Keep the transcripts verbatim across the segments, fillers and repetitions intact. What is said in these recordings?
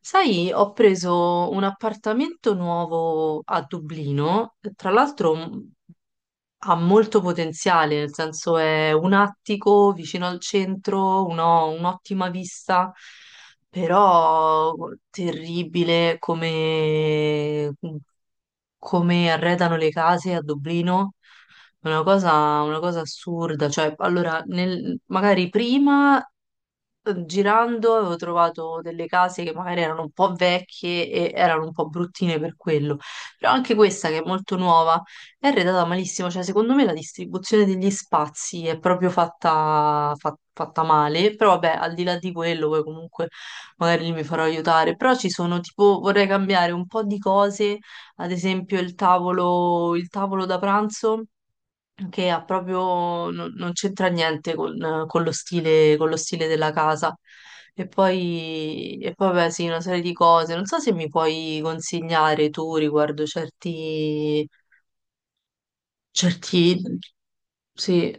Sai, ho preso un appartamento nuovo a Dublino, tra l'altro mh, ha molto potenziale, nel senso è un attico vicino al centro, uno- un'ottima vista, però terribile come, mm, come arredano le case a Dublino. Una cosa, una cosa assurda, cioè allora nel- magari prima girando avevo trovato delle case che magari erano un po' vecchie e erano un po' bruttine per quello, però anche questa che è molto nuova è arredata malissimo, cioè secondo me la distribuzione degli spazi è proprio fatta, fa- fatta male, però vabbè al di là di quello poi comunque magari lì mi farò aiutare, però ci sono tipo vorrei cambiare un po' di cose, ad esempio il tavolo, il tavolo da pranzo che ha proprio, non, non c'entra niente con, con lo stile, con lo stile della casa. E poi, e poi, vabbè, sì, una serie di cose. Non so se mi puoi consigliare tu riguardo certi, certi, sì,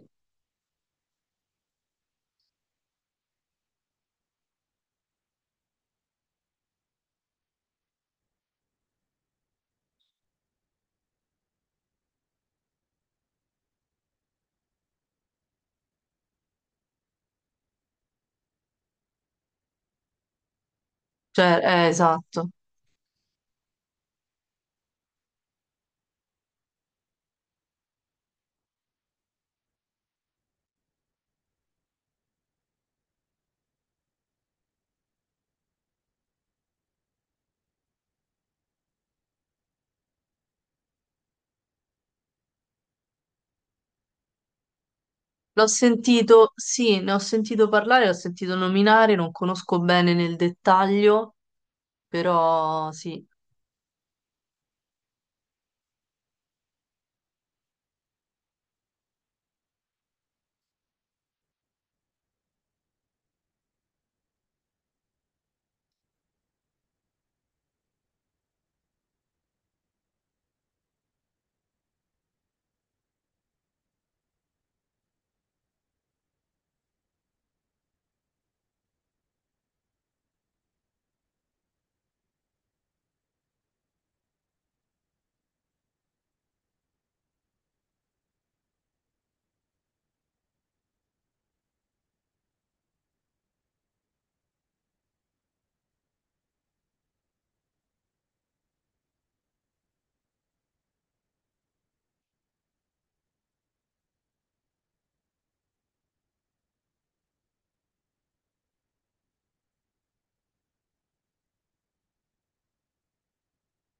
cioè, eh, esatto. L'ho sentito, sì, ne ho sentito parlare, l'ho sentito nominare, non conosco bene nel dettaglio, però sì.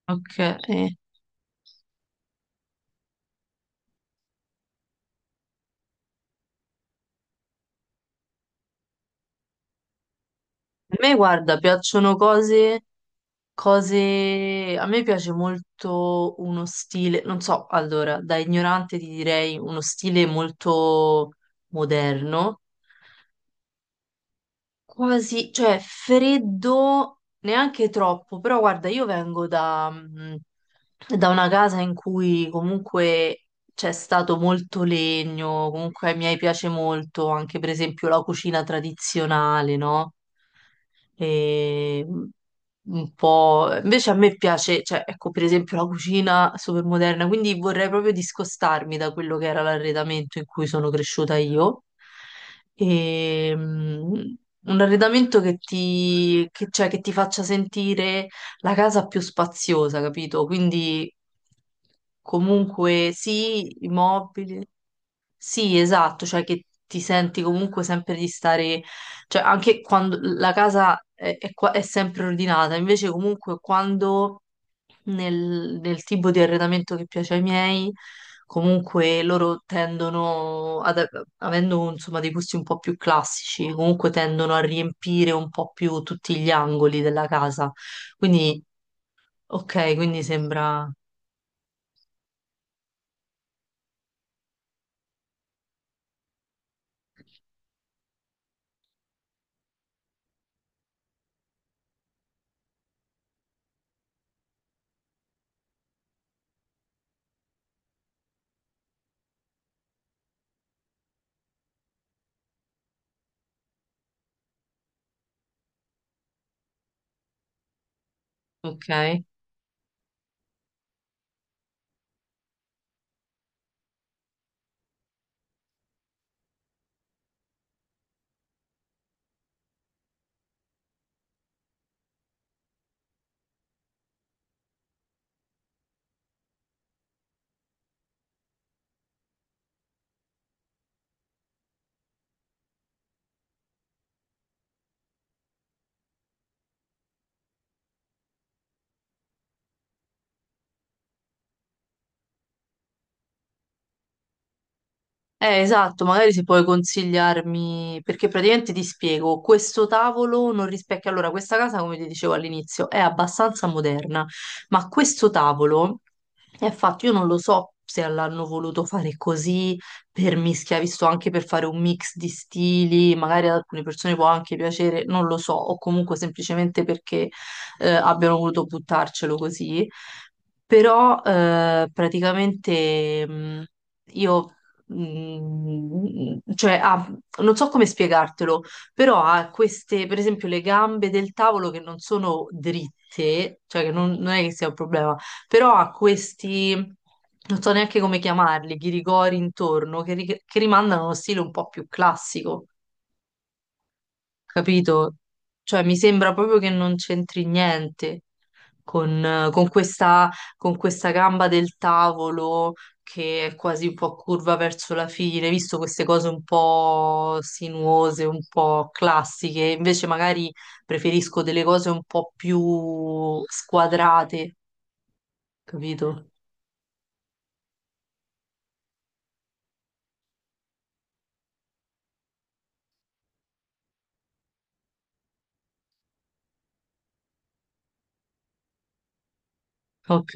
Ok. Eh. A me, guarda, piacciono cose. Cose... A me piace molto uno stile, non so, allora, da ignorante ti direi uno stile molto moderno. Quasi, cioè freddo neanche troppo, però guarda, io vengo da, mh, da una casa in cui comunque c'è stato molto legno, comunque ai miei piace molto anche per esempio la cucina tradizionale, no? E mh, un po'... Invece a me piace, cioè ecco per esempio la cucina super moderna, quindi vorrei proprio discostarmi da quello che era l'arredamento in cui sono cresciuta io. E, un arredamento che ti, che, cioè, che ti faccia sentire la casa più spaziosa, capito? Quindi comunque sì, i mobili. Sì, esatto, cioè che ti senti comunque sempre di stare, cioè anche quando la casa è, è qua- è sempre ordinata, invece comunque quando nel, nel tipo di arredamento che piace ai miei, comunque loro tendono, ad- avendo insomma dei gusti un po' più classici, comunque tendono a riempire un po' più tutti gli angoli della casa. Quindi, ok, quindi sembra, ok. Eh, esatto, magari se puoi consigliarmi, perché praticamente ti spiego, questo tavolo non rispecchia, allora questa casa, come ti dicevo all'inizio, è abbastanza moderna, ma questo tavolo è fatto, io non lo so se l'hanno voluto fare così per mischia, visto anche per fare un mix di stili, magari ad alcune persone può anche piacere, non lo so, o comunque semplicemente perché eh, abbiano voluto buttarcelo così, però eh, praticamente, mh, io, mm, cioè ha, non so come spiegartelo, però ha queste, per esempio, le gambe del tavolo che non sono dritte, cioè che non, non è che sia un problema, però ha questi, non so neanche come chiamarli, ghirigori intorno che, ri- che rimandano a uno stile un po' più classico, capito? Cioè, mi sembra proprio che non c'entri niente con, eh, con questa, con questa gamba del tavolo che è quasi un po' curva verso la fine, visto queste cose un po' sinuose, un po' classiche. Invece magari preferisco delle cose un po' più squadrate, capito? Ok.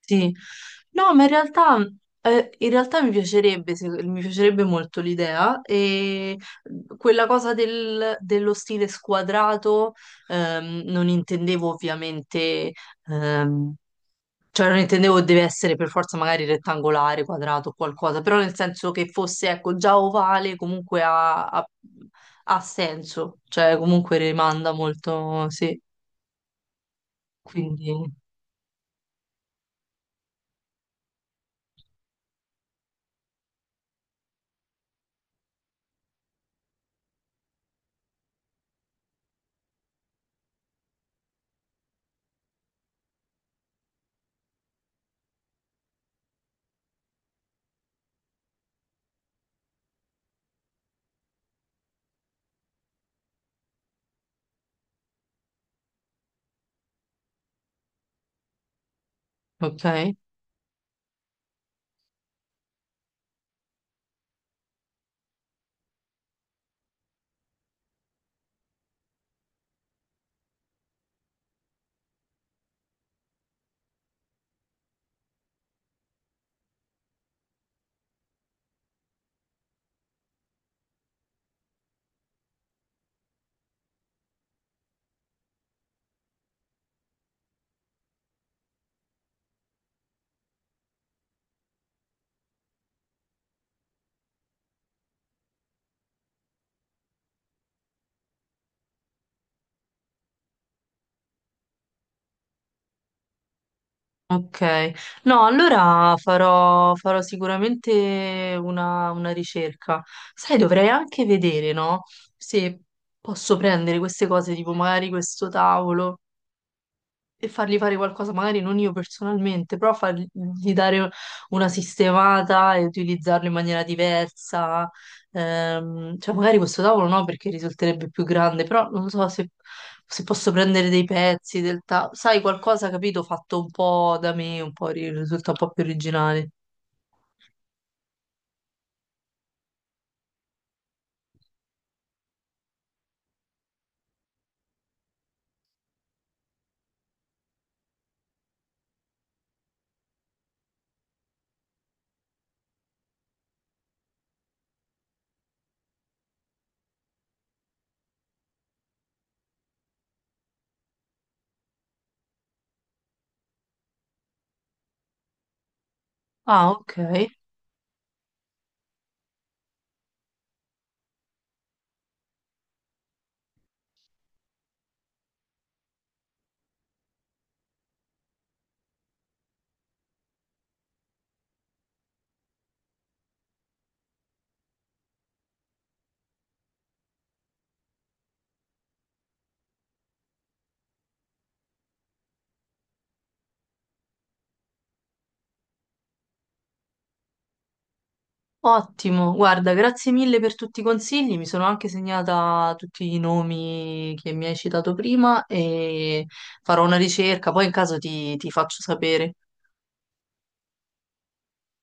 Sì, no, ma in realtà, eh, in realtà mi piacerebbe, se- mi piacerebbe molto l'idea e quella cosa del- dello stile squadrato. Ehm, non intendevo ovviamente, ehm, cioè non intendevo deve essere per forza magari rettangolare, quadrato o qualcosa, però nel senso che fosse, ecco, già ovale comunque ha, ha- ha senso, cioè comunque rimanda molto, sì, quindi, ok. Ok, no, allora farò, farò sicuramente una, una ricerca. Sai, dovrei anche vedere, no? Se posso prendere queste cose, tipo magari questo tavolo e fargli fare qualcosa, magari non io personalmente, però fargli dare una sistemata e utilizzarlo in maniera diversa. Ehm, cioè, magari questo tavolo no, perché risulterebbe più grande, però non so se, se posso prendere dei pezzi del tavolo. Sai, qualcosa, capito, fatto un po' da me, un po' ri- risulta un po' più originale. Ah, ok. Ottimo, guarda, grazie mille per tutti i consigli, mi sono anche segnata tutti i nomi che mi hai citato prima e farò una ricerca, poi in caso ti ti faccio sapere.